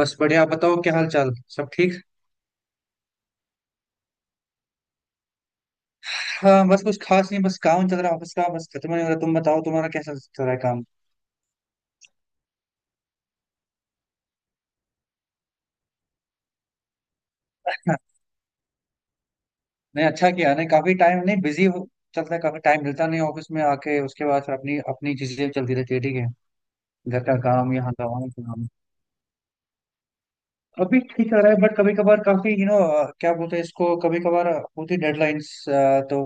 बस बढ़िया। आप बताओ क्या हाल चाल। सब ठीक। हाँ, बस कुछ खास नहीं, बस काम चल रहा है ऑफिस का, बस खत्म नहीं हो रहा। तुम बताओ तुम्हारा कैसा चल रहा है काम। नहीं, अच्छा किया। नहीं, काफी टाइम, नहीं बिजी हो। चलता है। काफी टाइम मिलता नहीं, ऑफिस में आके उसके बाद फिर अपनी अपनी चीजें चलती रहती है। ठीक है। घर का काम, यहाँ का वहाँ का काम। अभी ठीक चल रहा है, बट कभी कभार काफी यू नो, क्या बोलते हैं इसको, कभी कभार होती डेडलाइंस, तो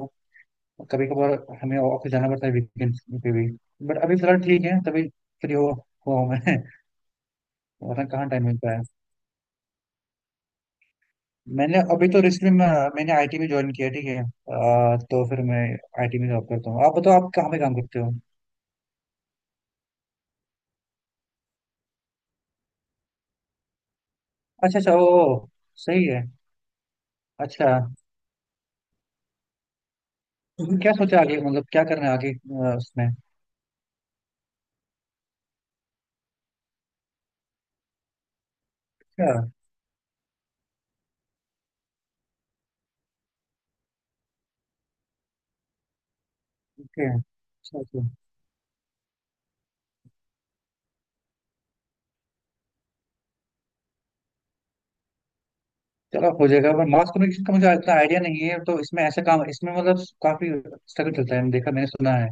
कभी कभार हमें ऑफिस जाना पड़ता है वीकेंड पे भी। बट अभी फिलहाल ठीक है, तभी फ्री हो हुआ हूँ मैं। वरना कहाँ टाइम मिलता है। मैंने अभी तो रिसेंटली में मैंने आईटी में ज्वाइन किया। ठीक है, तो फिर मैं आईटी में जॉब करता हूँ। आप बताओ आप कहाँ पे काम करते हो। अच्छा अच्छा, ओ। सही है। अच्छा, तुमने क्या सोचा आगे, मतलब क्या करना है आगे उसमें। अच्छा, ओके। अच्छा अच्छा। चलो हो जाएगा। पर मास कम्युनिकेशन का मुझे इतना आइडिया नहीं है, तो इसमें ऐसा काम, इसमें मतलब काफी स्ट्रगल चलता है, मैंने देखा, मैंने सुना है।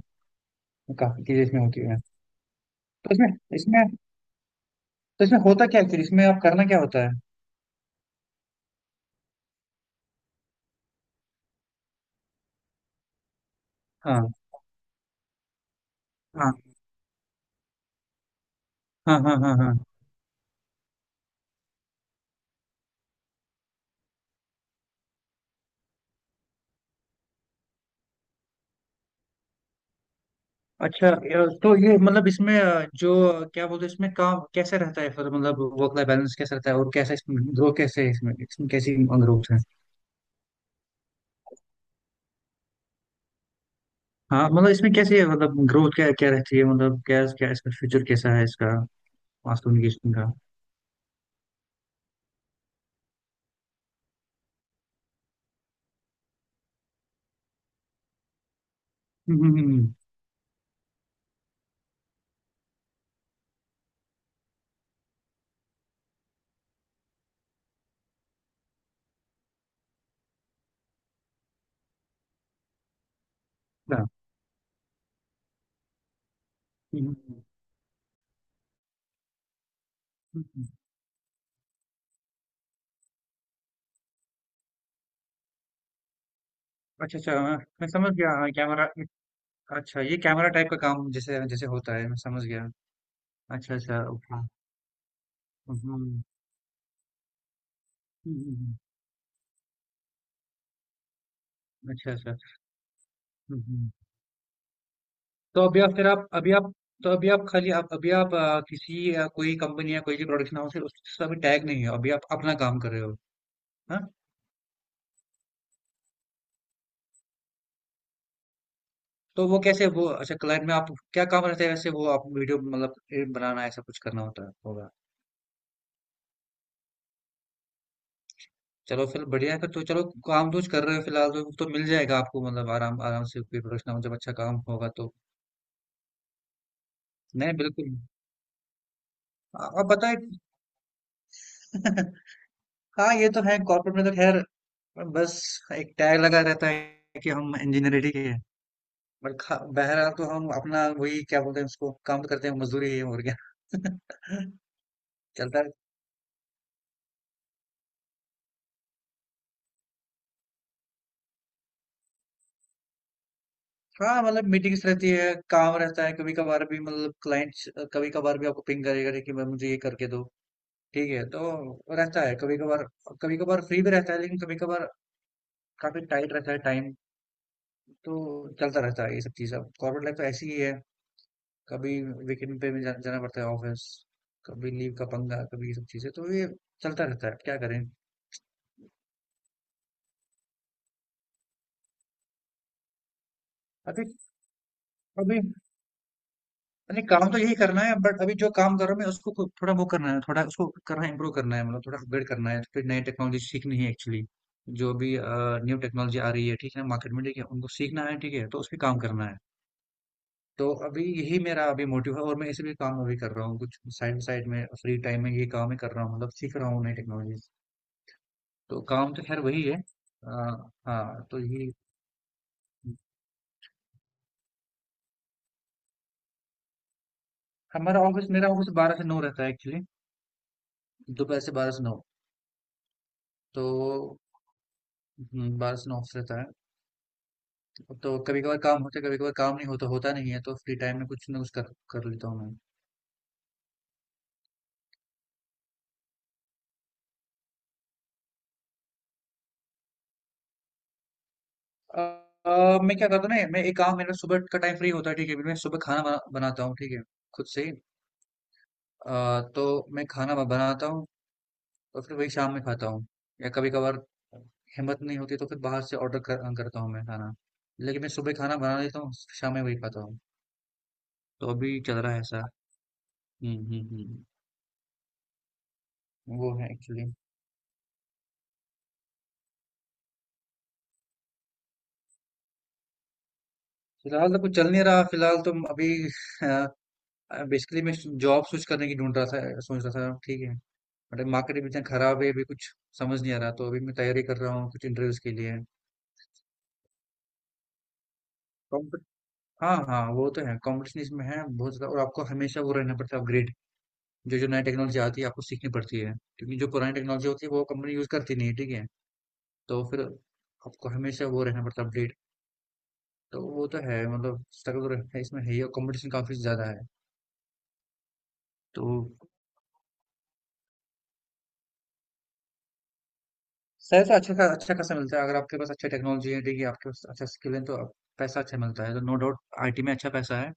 काफी चीजें इसमें होती है। तो इसमें इसमें तो इसमें होता क्या एक्चुअली, इसमें आप करना क्या होता है। हाँ, हाँ, हाँ, हाँ, हाँ, हाँ। अच्छा। तो ये मतलब इसमें, जो, क्या बोलते हैं, इसमें काम कैसे रहता है फिर, मतलब वर्क लाइफ बैलेंस कैसे रहता है, और कैसे इसमें ग्रोथ कैसे है, इसमें इसमें कैसी ग्रोथ है। हाँ, मतलब इसमें कैसी है, मतलब ग्रोथ क्या क्या रहती है, मतलब क्या क्या इसका फ्यूचर कैसा है इसका, मास कम्युनिकेशन का। हम्म, हम्म, हम्म। अच्छा। हम्म, हम्म, हम्म। हम्म, हम्म। अच्छा अच्छा, मैं समझ गया, हाँ, कैमरा। अच्छा, ये कैमरा टाइप का काम जैसे जैसे होता है, मैं समझ गया। अच्छा अच्छा, ओके। हम्म। हम्म, हम्म। अच्छा अच्छा। हम्म, हम्म। तो अभी आप फिर आप अभी आप कोई कंपनी या कोई भी प्रोडक्शन हाउस है उससे अभी टैग नहीं हो, अभी आप अपना काम कर रहे हो। हाँ। तो वो कैसे, वो अच्छा, क्लाइंट में आप क्या काम रहता है वैसे, वो आप वीडियो मतलब बनाना ऐसा कुछ करना होता है, होगा। चलो फिर बढ़िया है, फिर तो चलो, काम तो कुछ कर रहे हो फिलहाल तो मिल जाएगा आपको, मतलब आराम आराम से कोई प्रोडक्शन हाउस जब अच्छा काम होगा तो। नहीं, बिल्कुल। आप बताए। हाँ, ये तो है कॉर्पोरेट में, तो खैर बस एक टैग लगा रहता है कि हम इंजीनियरिंग के, और खा बहरहाल तो हम अपना वही, क्या बोलते हैं उसको, काम करते हैं, मजदूरी है और क्या। चलता है। हाँ, मतलब मीटिंग्स रहती है, काम रहता है। कभी कभार भी मतलब क्लाइंट्स कभी कभार भी आपको पिंग करेगा कि मैं मुझे ये करके दो। ठीक है, तो रहता है कभी कभार। कभी कभार फ्री भी रहता है, लेकिन कभी कभार काफी टाइट रहता है टाइम। तो चलता रहता है ये सब चीज़, अब कॉर्पोरेट लाइफ तो ऐसी ही है। कभी वीकेंड पे भी जाना पड़ता है ऑफिस, कभी लीव का पंगा, कभी ये सब चीज़ें, तो ये चलता रहता है, क्या करें। अभी अभी नहीं, काम तो यही करना है, बट अभी जो काम कर रहा हूँ मैं उसको खुद थोड़ा वो करना है, थोड़ा उसको करना है, इम्प्रूव करना है, मतलब थोड़ा अपग्रेड करना है, फिर नई टेक्नोलॉजी सीखनी है एक्चुअली। जो भी न्यू टेक्नोलॉजी आ रही है ठीक है मार्केट में, ठीक है उनको सीखना है, ठीक है तो उस पर काम करना है। तो अभी यही मेरा अभी मोटिव है, और मैं इसी पे काम अभी कर रहा हूँ, कुछ साइड बाई साइड में फ्री टाइम में ये काम ही कर रहा हूँ, मतलब सीख रहा हूँ नई टेक्नोलॉजी। तो काम तो खैर वही है। अ, हाँ तो ये। हमारा ऑफिस मेरा ऑफिस 12 से 9 रहता है एक्चुअली, दोपहर से 12 से 9। तो 12 से 9 ऑफिस रहता है। तो कभी कभार काम होता है, कभी कभार काम नहीं होता, होता नहीं है, तो फ्री टाइम में कुछ ना कुछ कर कर लेता हूँ मैं। अ, मैं क्या करता हूँ ना, मैं एक काम, मेरा सुबह का टाइम फ्री होता है ठीक है, मैं सुबह खाना बनाता हूँ ठीक है, खुद से ही। तो मैं खाना बनाता हूँ, और फिर वही शाम में खाता हूँ, या कभी कभार हिम्मत नहीं होती तो फिर बाहर से ऑर्डर करता हूँ मैं खाना, लेकिन मैं सुबह खाना बना लेता हूँ, शाम में वही खाता हूँ। तो अभी चल रहा है ऐसा। हम्म, हम्म, हम्म। वो है एक्चुअली, फिलहाल तो कुछ चल नहीं रहा, फिलहाल तो अभी। बेसिकली मैं जॉब स्विच करने की ढूंढ रहा था, सोच रहा था ठीक है, बट मार्केट भी इतना खराब है, अभी कुछ समझ नहीं आ रहा, तो अभी मैं तैयारी कर रहा हूँ कुछ इंटरव्यूज के लिए। कॉम्प- हाँ हाँ, वो तो है, कंपटीशन इसमें है बहुत ज़्यादा, और आपको हमेशा वो रहना पड़ता है अपग्रेड। जो जो नई टेक्नोलॉजी आती है आपको सीखनी पड़ती है, क्योंकि जो पुरानी टेक्नोलॉजी होती है वो कंपनी यूज़ करती नहीं है, ठीक है। तो फिर आपको हमेशा वो रहना पड़ता है अपडेट। तो वो तो है, मतलब स्ट्रगल है इसमें है ही, और कंपटीशन काफ़ी ज़्यादा है। तो सैलरी अच्छा खासा मिलता है, अगर आपके पास अच्छी टेक्नोलॉजी है, देखिए आपके पास अच्छा स्किल है तो पैसा अच्छा मिलता है, तो नो डाउट आईटी में अच्छा पैसा है।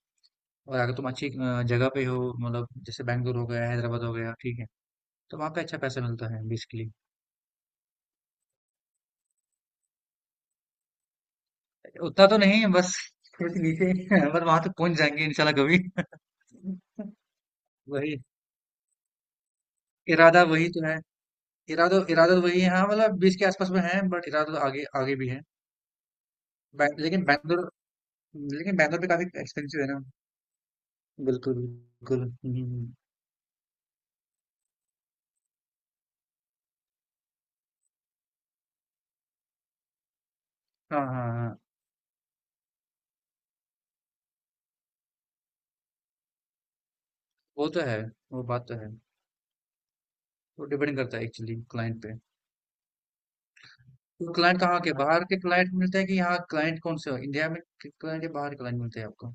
और अगर तुम अच्छी जगह पे हो, मतलब जैसे बैंगलोर हो गया, हैदराबाद हो गया, ठीक है, तो वहाँ पे अच्छा पैसा मिलता है बेसिकली। उतना तो नहीं, बस थोड़े से नीचे। बस वहां तक पहुंच जाएंगे इंशाल्लाह कभी। वही इरादा वही तो है, इरादा इरादा तो वही है। हाँ, मतलब 20 के आसपास में है, बट इरादा तो आगे आगे भी है। बै- लेकिन बैंगलोर लेकिन बैंगलोर भी काफी एक्सपेंसिव है ना। बिल्कुल बिल्कुल। हाँ, हाँ, हाँ, वो तो है, वो बात तो है। वो डिपेंड करता है एक्चुअली क्लाइंट पे। तो क्लाइंट कहाँ के, बाहर के क्लाइंट मिलते हैं कि यहाँ क्लाइंट कौन से हो? इंडिया में क्लाइंट, या बाहर क्लाइंट मिलते हैं आपको?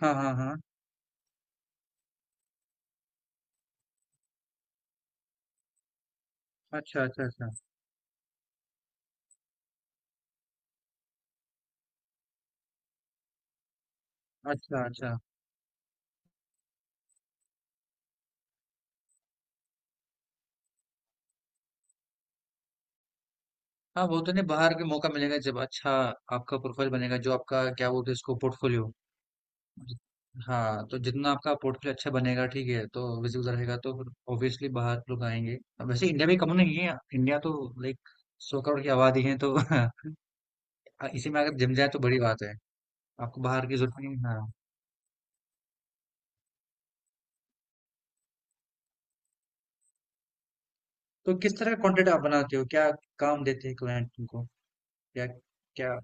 हाँ, हाँ, हाँ। अच्छा, अच्छा, अच्छा। अच्छा, अच्छा। हाँ, वो तो नहीं, बाहर के मौका मिलेगा जब अच्छा आपका प्रोफाइल बनेगा, जो आपका क्या बोलते हैं इसको, पोर्टफोलियो। हाँ, तो जितना आपका पोर्टफोलियो अच्छा बनेगा ठीक है, तो विजिबल रहेगा, तो फिर ऑब्वियसली बाहर लोग आएंगे। अब वैसे इंडिया भी कम नहीं है, इंडिया तो लाइक 100 करोड़ की आबादी है तो। इसी में अगर जम जाए तो बड़ी बात है। आपको बाहर की जरूरत नहीं है, हाँ। तो किस तरह का कंटेंट आप बनाते हो, क्या काम देते हैं क्लाइंट को। क्या, क्या।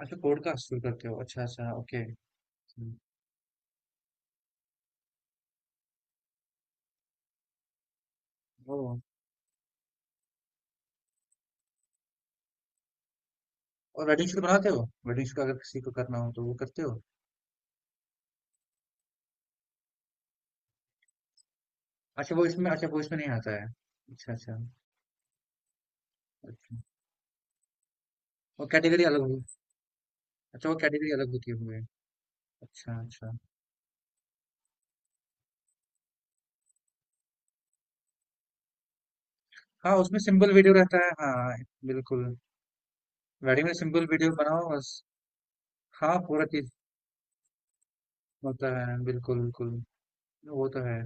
अच्छा, पॉडकास्ट शुरू करते हो, अच्छा अच्छा, ओके। ओ। और वेडिंग शूट बनाते हो, वेडिंग शूट अगर किसी को करना हो तो वो करते हो? अच्छा, वो इसमें नहीं आता है। अच्छा अच्छा। अच्छा, वो कैटेगरी अलग होगी। अच्छा, वो कैटेगरी अलग होती होगी। अच्छा अच्छा। हाँ, उसमें सिंपल वीडियो रहता है, हाँ, बिल्कुल। वेडिंग में सिंपल वीडियो बनाओ बस। हाँ, पूरा चीज होता है, बिल्कुल बिल्कुल, वो तो है।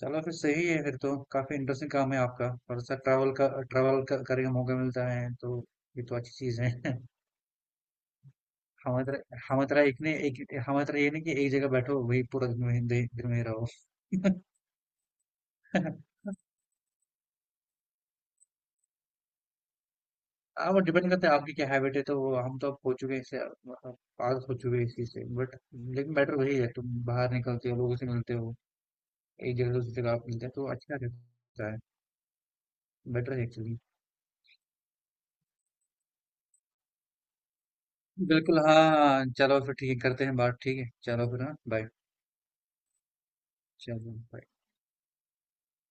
चलो फिर सही है, फिर तो काफी इंटरेस्टिंग काम है आपका, और सर ट्रैवल का, करने का मौका मिलता है तो ये तो अच्छी चीज है। हमारी तरह हमारी तरह एक ने एक हमारी तरह ये नहीं कि एक जगह बैठो वही पूरा दिन वहीं दिन में रहो। हाँ, वो डिपेंड करता है आपकी क्या हैबिट है, तो वो हम तो अब हो चुके हैं इससे, मतलब आदत हो चुकी है इस चीज से, बट लेकिन बेटर वही है, तुम बाहर निकलते हो, लोगों से मिलते हो, एक जगह से दूसरी जगह आप मिलते हैं तो अच्छा रहता है। बेटर है एक्चुअली। बिल्कुल। हाँ, चलो फिर ठीक है, करते हैं बात, ठीक है, चलो फिर, हाँ, बाय। चलो bye।